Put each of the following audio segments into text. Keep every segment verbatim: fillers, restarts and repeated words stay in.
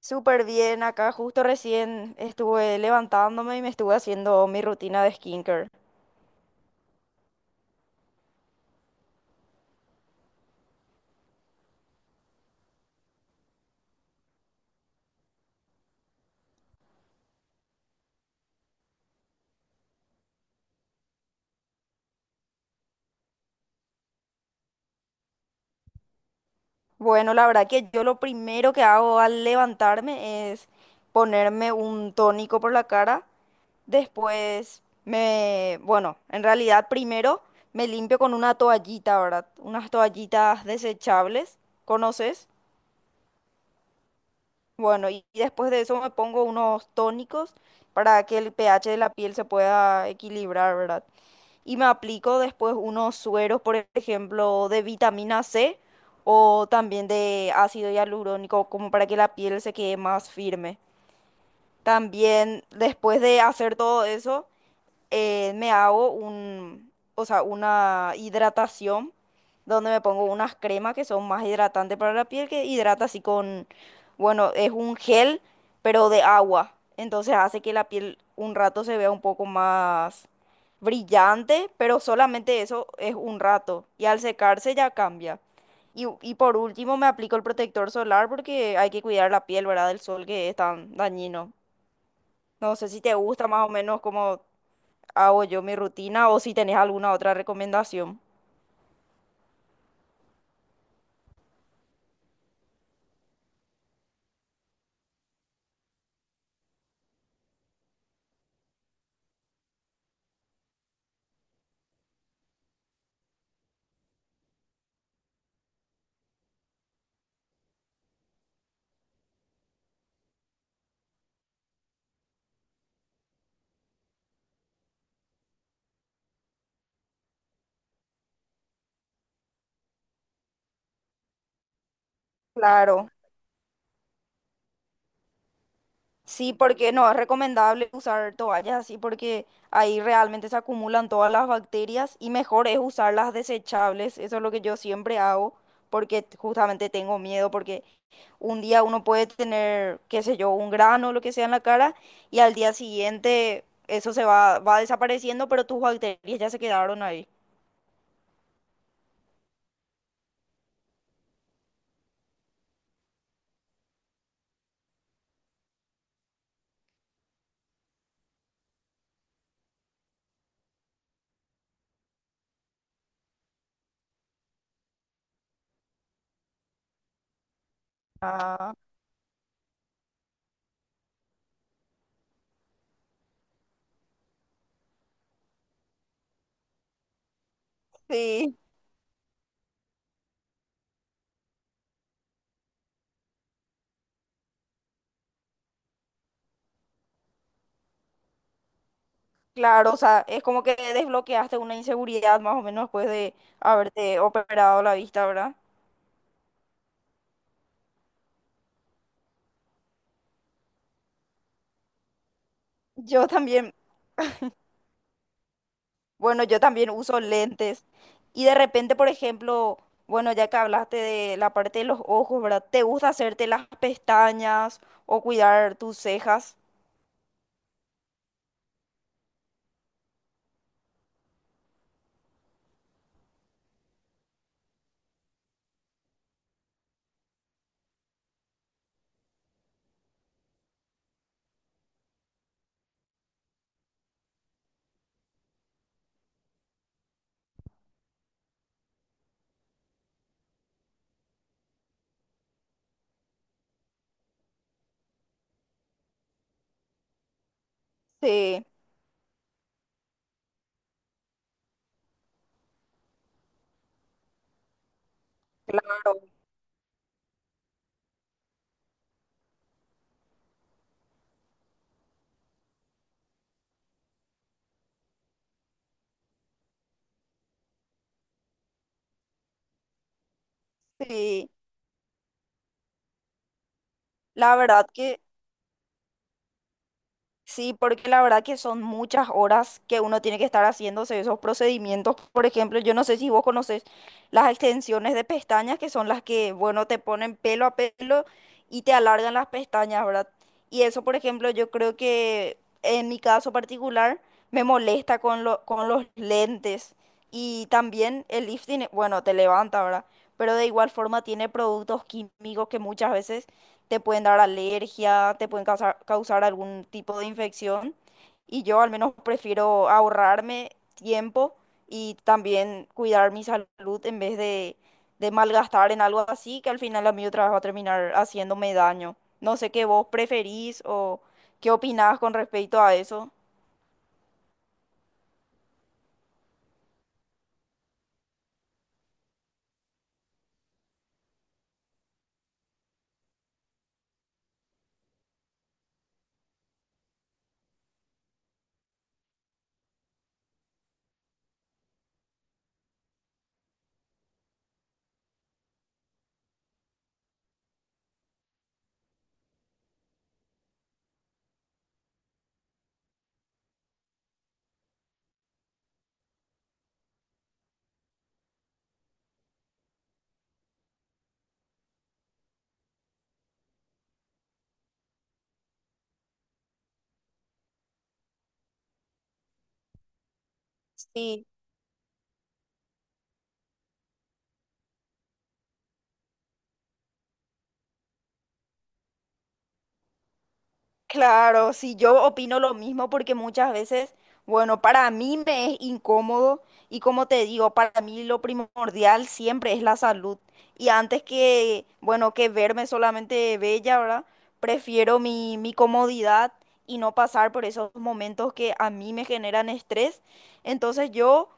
Súper bien, acá justo recién estuve levantándome y me estuve haciendo mi rutina de skincare. Bueno, la verdad que yo lo primero que hago al levantarme es ponerme un tónico por la cara. Después me, bueno, en realidad primero me limpio con una toallita, ¿verdad? Unas toallitas desechables, ¿conoces? Bueno, y y después de eso me pongo unos tónicos para que el pH de la piel se pueda equilibrar, ¿verdad? Y me aplico después unos sueros, por ejemplo, de vitamina C o también de ácido hialurónico, como para que la piel se quede más firme. También después de hacer todo eso, eh, me hago un, o sea, una hidratación donde me pongo unas cremas que son más hidratantes para la piel, que hidrata así con, bueno, es un gel, pero de agua. Entonces hace que la piel un rato se vea un poco más brillante, pero solamente eso es un rato. Y al secarse ya cambia. Y, y por último me aplico el protector solar porque hay que cuidar la piel, ¿verdad? Del sol que es tan dañino. No sé si te gusta más o menos como hago yo mi rutina o si tenés alguna otra recomendación. Claro, sí, porque no es recomendable usar toallas así porque ahí realmente se acumulan todas las bacterias y mejor es usar las desechables. Eso es lo que yo siempre hago porque t- justamente tengo miedo porque un día uno puede tener, qué sé yo, un grano o lo que sea en la cara y al día siguiente eso se va, va desapareciendo, pero tus bacterias ya se quedaron ahí. Ah, sí. Claro, o sea, es como que desbloqueaste una inseguridad más o menos después de haberte operado la vista, ¿verdad? Yo también, bueno, yo también uso lentes y de repente, por ejemplo, bueno, ya que hablaste de la parte de los ojos, ¿verdad? ¿Te gusta hacerte las pestañas o cuidar tus cejas? Sí, claro, sí. La verdad que sí, porque la verdad que son muchas horas que uno tiene que estar haciéndose esos procedimientos. Por ejemplo, yo no sé si vos conoces las extensiones de pestañas, que son las que, bueno, te ponen pelo a pelo y te alargan las pestañas, ¿verdad? Y eso, por ejemplo, yo creo que en mi caso particular me molesta con lo- con los lentes. Y también el lifting, bueno, te levanta, ¿verdad? Pero de igual forma tiene productos químicos que muchas veces te pueden dar alergia, te pueden causar, causar algún tipo de infección. Y yo al menos prefiero ahorrarme tiempo y también cuidar mi salud en vez de, de malgastar en algo así que al final a mí otra vez va a terminar haciéndome daño. No sé qué vos preferís o qué opinás con respecto a eso. Sí. Claro, sí, yo opino lo mismo porque muchas veces, bueno, para mí me es incómodo y como te digo, para mí lo primordial siempre es la salud. Y antes que, bueno, que verme solamente bella, ¿verdad? Prefiero mi, mi comodidad y no pasar por esos momentos que a mí me generan estrés. Entonces yo,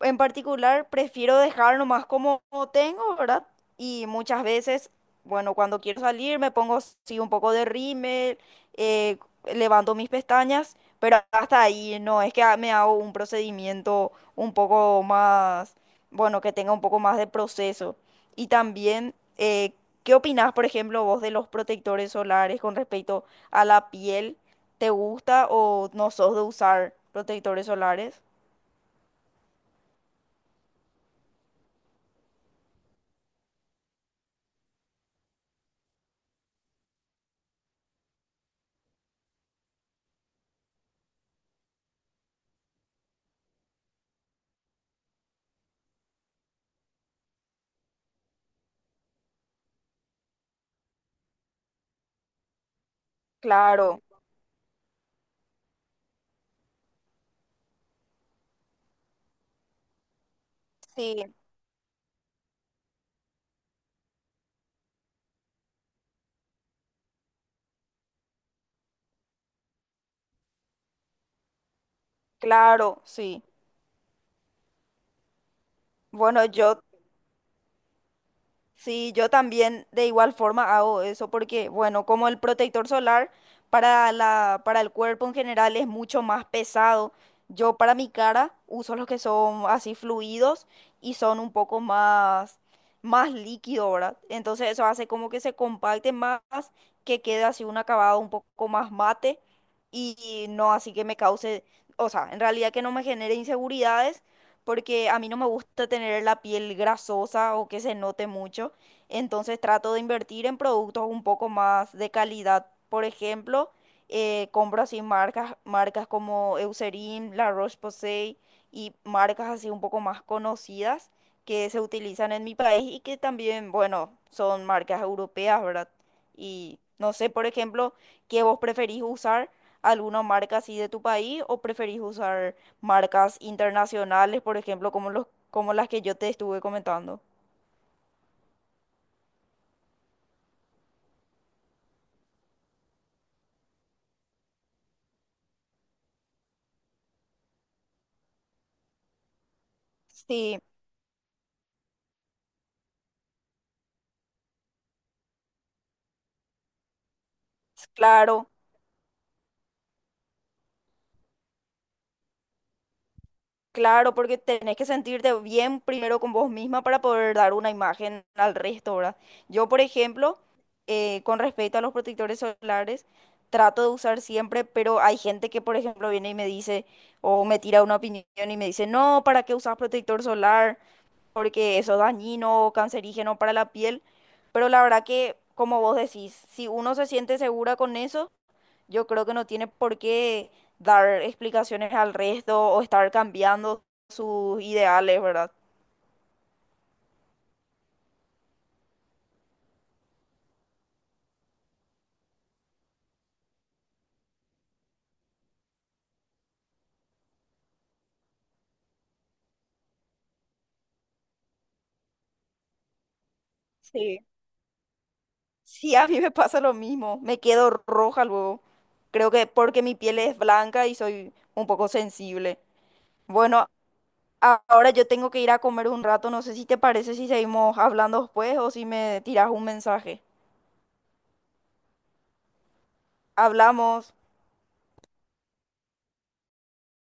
en particular, prefiero dejar nomás como tengo, ¿verdad? Y muchas veces, bueno, cuando quiero salir me pongo sí un poco de rímel, eh, levanto mis pestañas, pero hasta ahí no, es que ha- me hago un procedimiento un poco más, bueno, que tenga un poco más de proceso. Y también, eh, ¿qué opinás, por ejemplo, vos de los protectores solares con respecto a la piel? ¿Te gusta o no sos de usar protectores solares? Claro, sí, claro, sí. Bueno, yo sí, yo también de igual forma hago eso porque, bueno, como el protector solar para la, para el cuerpo en general es mucho más pesado, yo para mi cara uso los que son así fluidos y son un poco más, más líquido, ¿verdad? Entonces eso hace como que se compacte más, que quede así un acabado un poco más mate y no así que me cause, o sea, en realidad que no me genere inseguridades porque a mí no me gusta tener la piel grasosa o que se note mucho, entonces trato de invertir en productos un poco más de calidad. Por ejemplo, eh, compro así marcas, marcas como Eucerin, La Roche-Posay y marcas así un poco más conocidas que se utilizan en mi país y que también, bueno, son marcas europeas, ¿verdad? Y no sé, por ejemplo, ¿qué vos preferís usar? ¿Alguna marca así de tu país o preferís usar marcas internacionales, por ejemplo, como los, como las que yo te estuve comentando. Sí, s- claro, claro, porque tenés que sentirte bien primero con vos misma para poder dar una imagen al resto, ¿verdad? Yo, por ejemplo, eh, con respecto a los protectores solares, trato de usar siempre, pero hay gente que, por ejemplo, viene y me dice, o me tira una opinión y me dice, no, ¿para qué usas protector solar? Porque eso es dañino, cancerígeno para la piel. Pero la verdad que, como vos decís, si uno se siente segura con eso, yo creo que no tiene por qué dar explicaciones al resto o estar cambiando sus ideales, ¿verdad? Sí. Sí, a mí me pasa lo mismo, me quedo roja luego. Creo que porque mi piel es blanca y soy un poco sensible. Bueno, a- ahora yo tengo que ir a comer un rato, no sé si te parece si seguimos hablando después o si me tiras un mensaje. Hablamos.